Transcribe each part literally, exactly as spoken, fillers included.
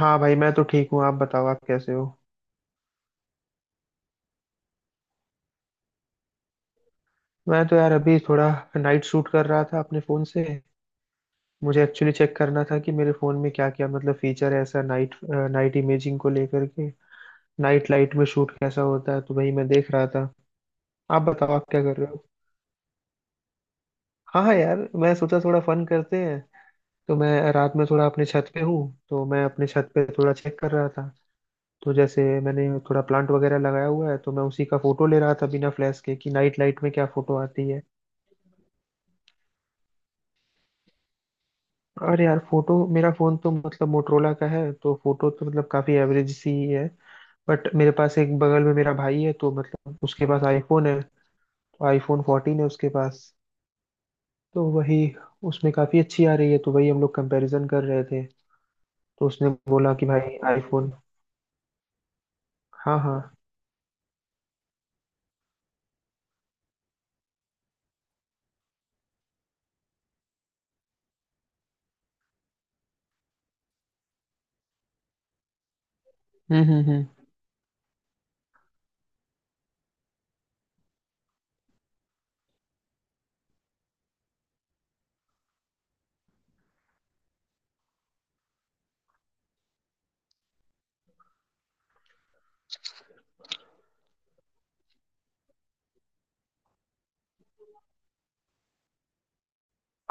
हाँ भाई, मैं तो ठीक हूँ। आप बताओ, आप कैसे हो। मैं तो यार अभी थोड़ा नाइट शूट कर रहा था अपने फ़ोन से। मुझे एक्चुअली चेक करना था कि मेरे फ़ोन में क्या क्या, मतलब, फीचर है ऐसा, नाइट नाइट इमेजिंग को लेकर के। नाइट लाइट में शूट कैसा होता है, तो वही मैं देख रहा था। आप बताओ, आप क्या कर रहे हो। हाँ हाँ, यार मैं सोचा थोड़ा फन करते हैं। तो मैं रात में थोड़ा अपने छत पे हूँ। तो मैं अपने छत पे थोड़ा चेक कर रहा था। तो जैसे मैंने थोड़ा प्लांट वगैरह लगाया हुआ है, तो मैं उसी का फोटो ले रहा था बिना फ्लैश के कि नाइट लाइट में क्या फोटो आती है। और यार फोटो, मेरा फोन तो मतलब मोटरोला का है, तो फोटो तो मतलब काफी एवरेज सी ही है। बट मेरे पास एक बगल में मेरा भाई है, तो मतलब उसके पास आईफोन है। तो आईफोन फोर्टीन है उसके पास। तो वही उसमें काफी अच्छी आ रही है, तो वही हम लोग कंपैरिजन कर रहे थे। तो उसने बोला कि भाई आईफोन। हाँ हाँ। हम्म हम्म हम्म।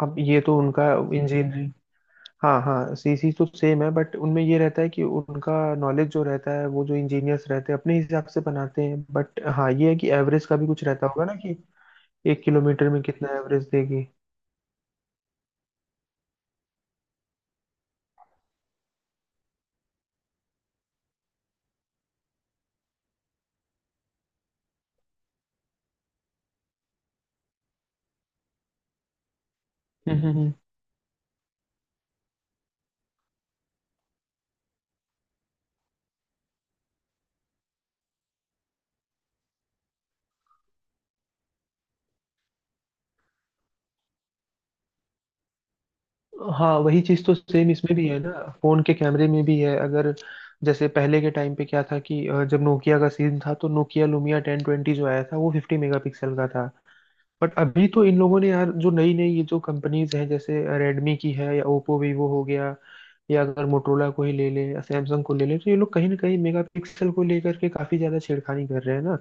अब ये तो उनका इंजीनियरिंग। हाँ हाँ, सीसी तो सेम है, बट उनमें ये रहता है कि उनका नॉलेज जो रहता है, वो जो इंजीनियर्स रहते हैं अपने हिसाब से बनाते हैं। बट हाँ, ये है कि एवरेज का भी कुछ रहता होगा ना, कि एक किलोमीटर में कितना एवरेज देगी। हम्म हम्म, हम्म। हाँ, वही चीज़ तो सेम इसमें भी है ना, फोन के कैमरे में भी है। अगर जैसे पहले के टाइम पे क्या था कि अ, जब नोकिया का सीन था, तो नोकिया लुमिया टेन ट्वेंटी जो आया था वो फिफ्टी मेगापिक्सल का था। बट अभी तो इन लोगों ने, यार, जो नई नई ये जो कंपनीज हैं, जैसे रेडमी की है या ओप्पो वीवो हो गया या अगर मोटरोला को ही ले लें या सैमसंग को ले लें, तो ये लोग कहीं ना कहीं मेगापिक्सल को लेकर के काफ़ी ज़्यादा छेड़खानी कर रहे हैं ना।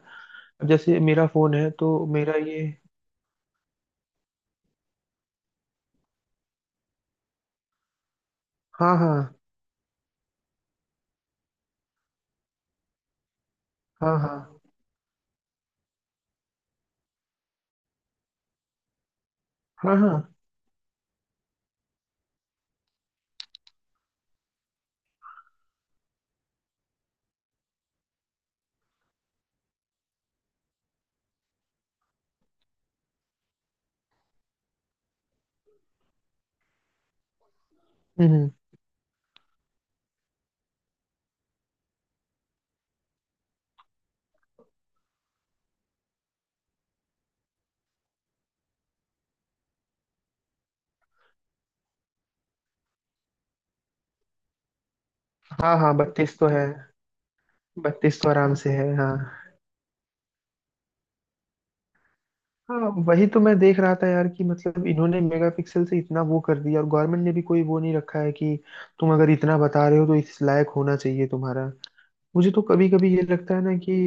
अब जैसे मेरा फ़ोन है, तो मेरा ये। हाँ हाँ हाँ हाँ हाँ हाँ। हम्म हम्म, हाँ हाँ, बत्तीस तो है। बत्तीस तो आराम से है, हाँ हाँ। वही तो मैं देख रहा था यार, कि मतलब इन्होंने मेगापिक्सल से इतना वो कर दिया, और गवर्नमेंट ने भी कोई वो नहीं रखा है कि तुम अगर इतना बता रहे हो, तो इस लायक होना चाहिए तुम्हारा। मुझे तो कभी कभी ये लगता है ना कि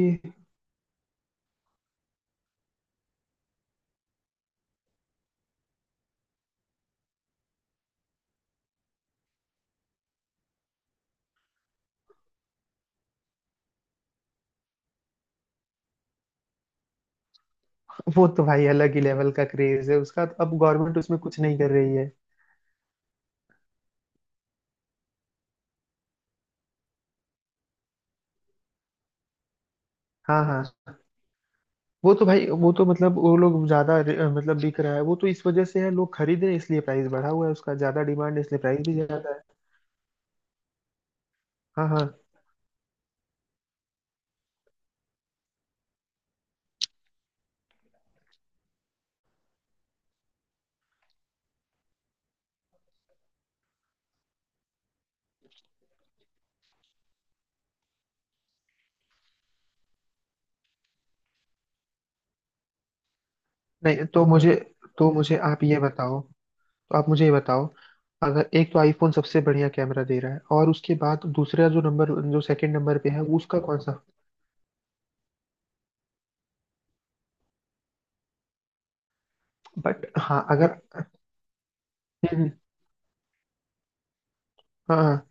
वो तो भाई अलग ही लेवल का क्रेज है उसका, तो अब गवर्नमेंट उसमें कुछ नहीं कर रही है। हाँ हाँ, वो तो भाई, वो तो मतलब, वो लोग ज्यादा अ, मतलब बिक रहा है, वो तो इस वजह से है, लोग खरीद रहे हैं इसलिए प्राइस बढ़ा हुआ है उसका, ज्यादा डिमांड है इसलिए प्राइस भी ज्यादा है। हाँ हाँ। नहीं, तो मुझे, तो मुझे आप ये बताओ, तो आप मुझे ये बताओ, अगर एक तो आईफोन सबसे बढ़िया कैमरा दे रहा है, और उसके बाद दूसरा जो नंबर, जो सेकंड नंबर पे है, वो उसका कौन सा। बट हाँ, अगर। हम्म, हाँ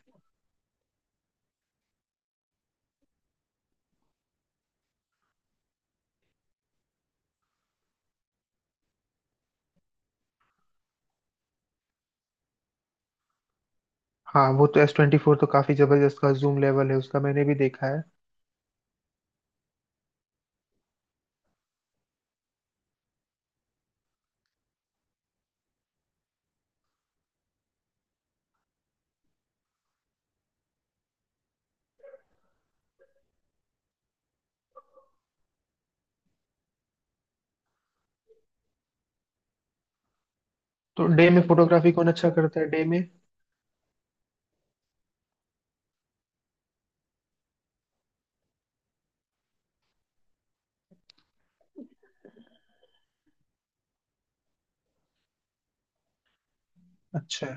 हाँ, वो तो एस ट्वेंटी फोर तो काफी जबरदस्त का जूम लेवल है उसका, मैंने भी देखा है। तो डे में फोटोग्राफी कौन अच्छा करता है, डे में। अच्छा।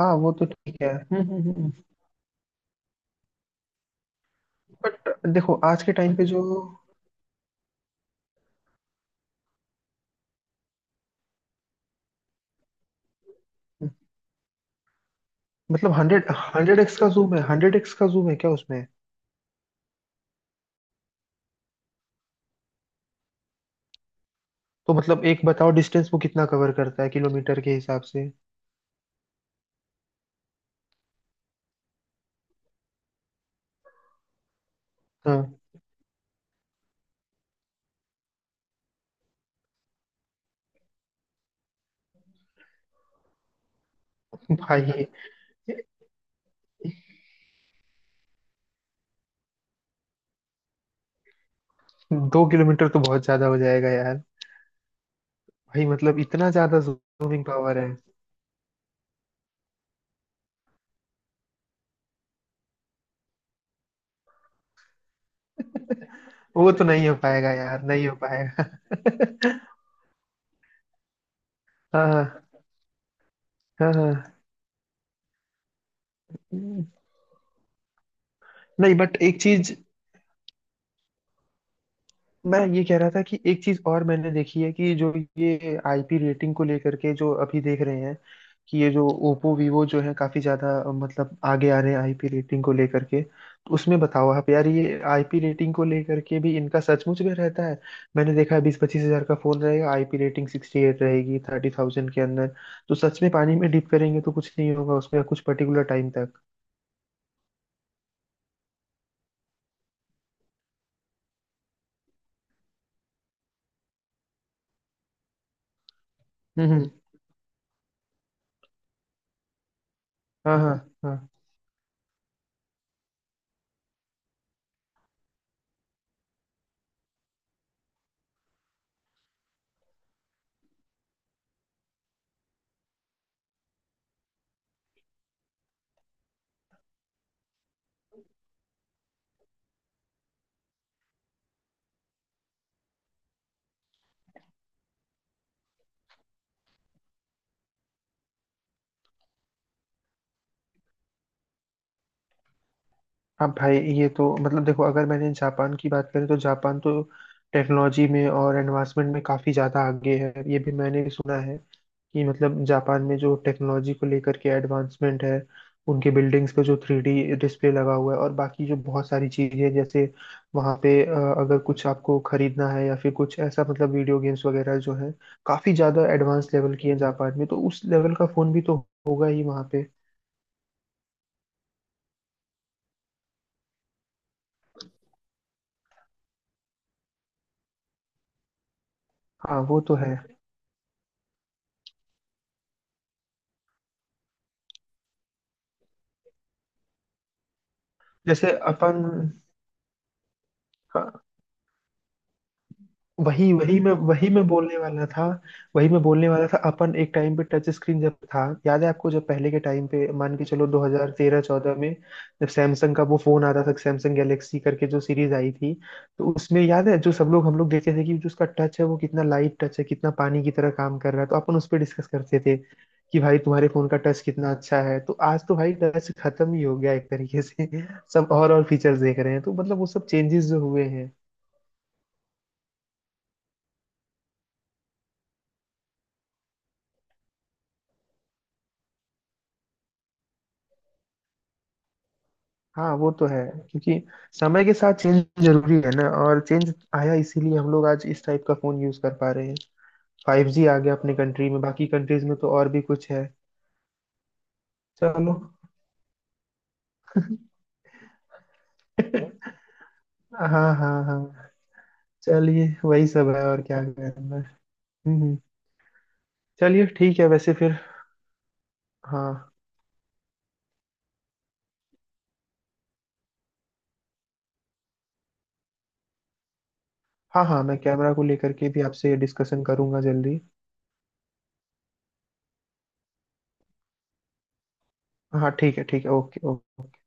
हाँ, वो तो ठीक है। हम्म हम्म हम्म। बट देखो, आज के टाइम पे जो, मतलब हंड्रेड, हंड्रेड एक्स का जूम है, हंड्रेड एक्स का जूम है क्या उसमें? तो मतलब, एक बताओ, डिस्टेंस वो कितना कवर करता है किलोमीटर के हिसाब से। हाँ भाई, दो किलोमीटर तो बहुत ज्यादा हो जाएगा यार। भाई, मतलब इतना ज्यादा जूमिंग पावर है। वो तो नहीं हो पाएगा यार, नहीं हो पाएगा। हाँ हाँ हाँ। नहीं, बट एक चीज मैं ये कह रहा था, कि एक चीज और मैंने देखी है, कि जो ये आईपी रेटिंग को लेकर के जो अभी देख रहे हैं, कि ये जो ओप्पो वीवो जो है, काफी ज्यादा अ, मतलब आगे आ रहे हैं आईपी रेटिंग को लेकर के, तो उसमें बताओ आप यार, ये आईपी रेटिंग को लेकर के भी इनका सचमुच में रहता है। मैंने देखा है, बीस पच्चीस हजार का फोन रहेगा, आईपी रेटिंग सिक्सटी एट रहेगी थर्टी थाउजेंड के अंदर। तो सच में पानी में डिप करेंगे तो कुछ नहीं होगा उसमें, कुछ पर्टिकुलर टाइम तक। हम्म हम्म। हाँ हाँ। हाँ हाँ भाई, ये तो मतलब देखो, अगर मैंने जापान की बात करें तो जापान तो टेक्नोलॉजी में और एडवांसमेंट में काफ़ी ज़्यादा आगे है, ये भी मैंने सुना है कि मतलब जापान में जो टेक्नोलॉजी को लेकर के एडवांसमेंट है, उनके बिल्डिंग्स पे जो थ्री डी डिस्प्ले लगा हुआ है, और बाकी जो बहुत सारी चीज़ें, जैसे वहाँ पे अ, अगर कुछ आपको खरीदना है, या फिर कुछ ऐसा मतलब वीडियो गेम्स वगैरह जो है, काफ़ी ज़्यादा एडवांस लेवल की है जापान में, तो उस लेवल का फ़ोन भी तो होगा ही वहाँ पे। हाँ, वो तो है। जैसे अपन, हाँ, वही वही मैं वही मैं बोलने वाला था। वही मैं बोलने वाला था, अपन एक टाइम पे टच स्क्रीन जब था, याद है आपको, जब पहले के टाइम पे, मान के चलो, दो हज़ार तेरह-चौदह में, जब सैमसंग का वो फोन आता था, सैमसंग गैलेक्सी करके जो सीरीज आई थी। तो उसमें याद है जो सब लोग, हम लोग देखते थे कि जो उसका टच है, वो कितना लाइट टच है, कितना पानी की तरह काम कर रहा है, तो अपन उस पर डिस्कस करते थे कि भाई तुम्हारे फोन का टच कितना अच्छा है। तो आज तो भाई टच खत्म ही हो गया एक तरीके से, सब और और फीचर्स देख रहे हैं, तो मतलब वो सब चेंजेस जो हुए हैं। हाँ, वो तो है, क्योंकि समय के साथ चेंज जरूरी है ना, और चेंज आया इसीलिए हम लोग आज इस टाइप का फोन यूज कर पा रहे हैं। फाइव जी आ गया अपने कंट्री में, बाकी कंट्रीज में तो और भी कुछ है। चलो। हाँ हाँ हाँ। चलिए, वही सब है, और क्या करना है। हम्म हम्म। चलिए ठीक है, वैसे फिर। हाँ। हाँ। हाँ, मैं कैमरा को लेकर के भी आपसे डिस्कशन करूंगा जल्दी। हाँ ठीक है ठीक है, ओके ओके।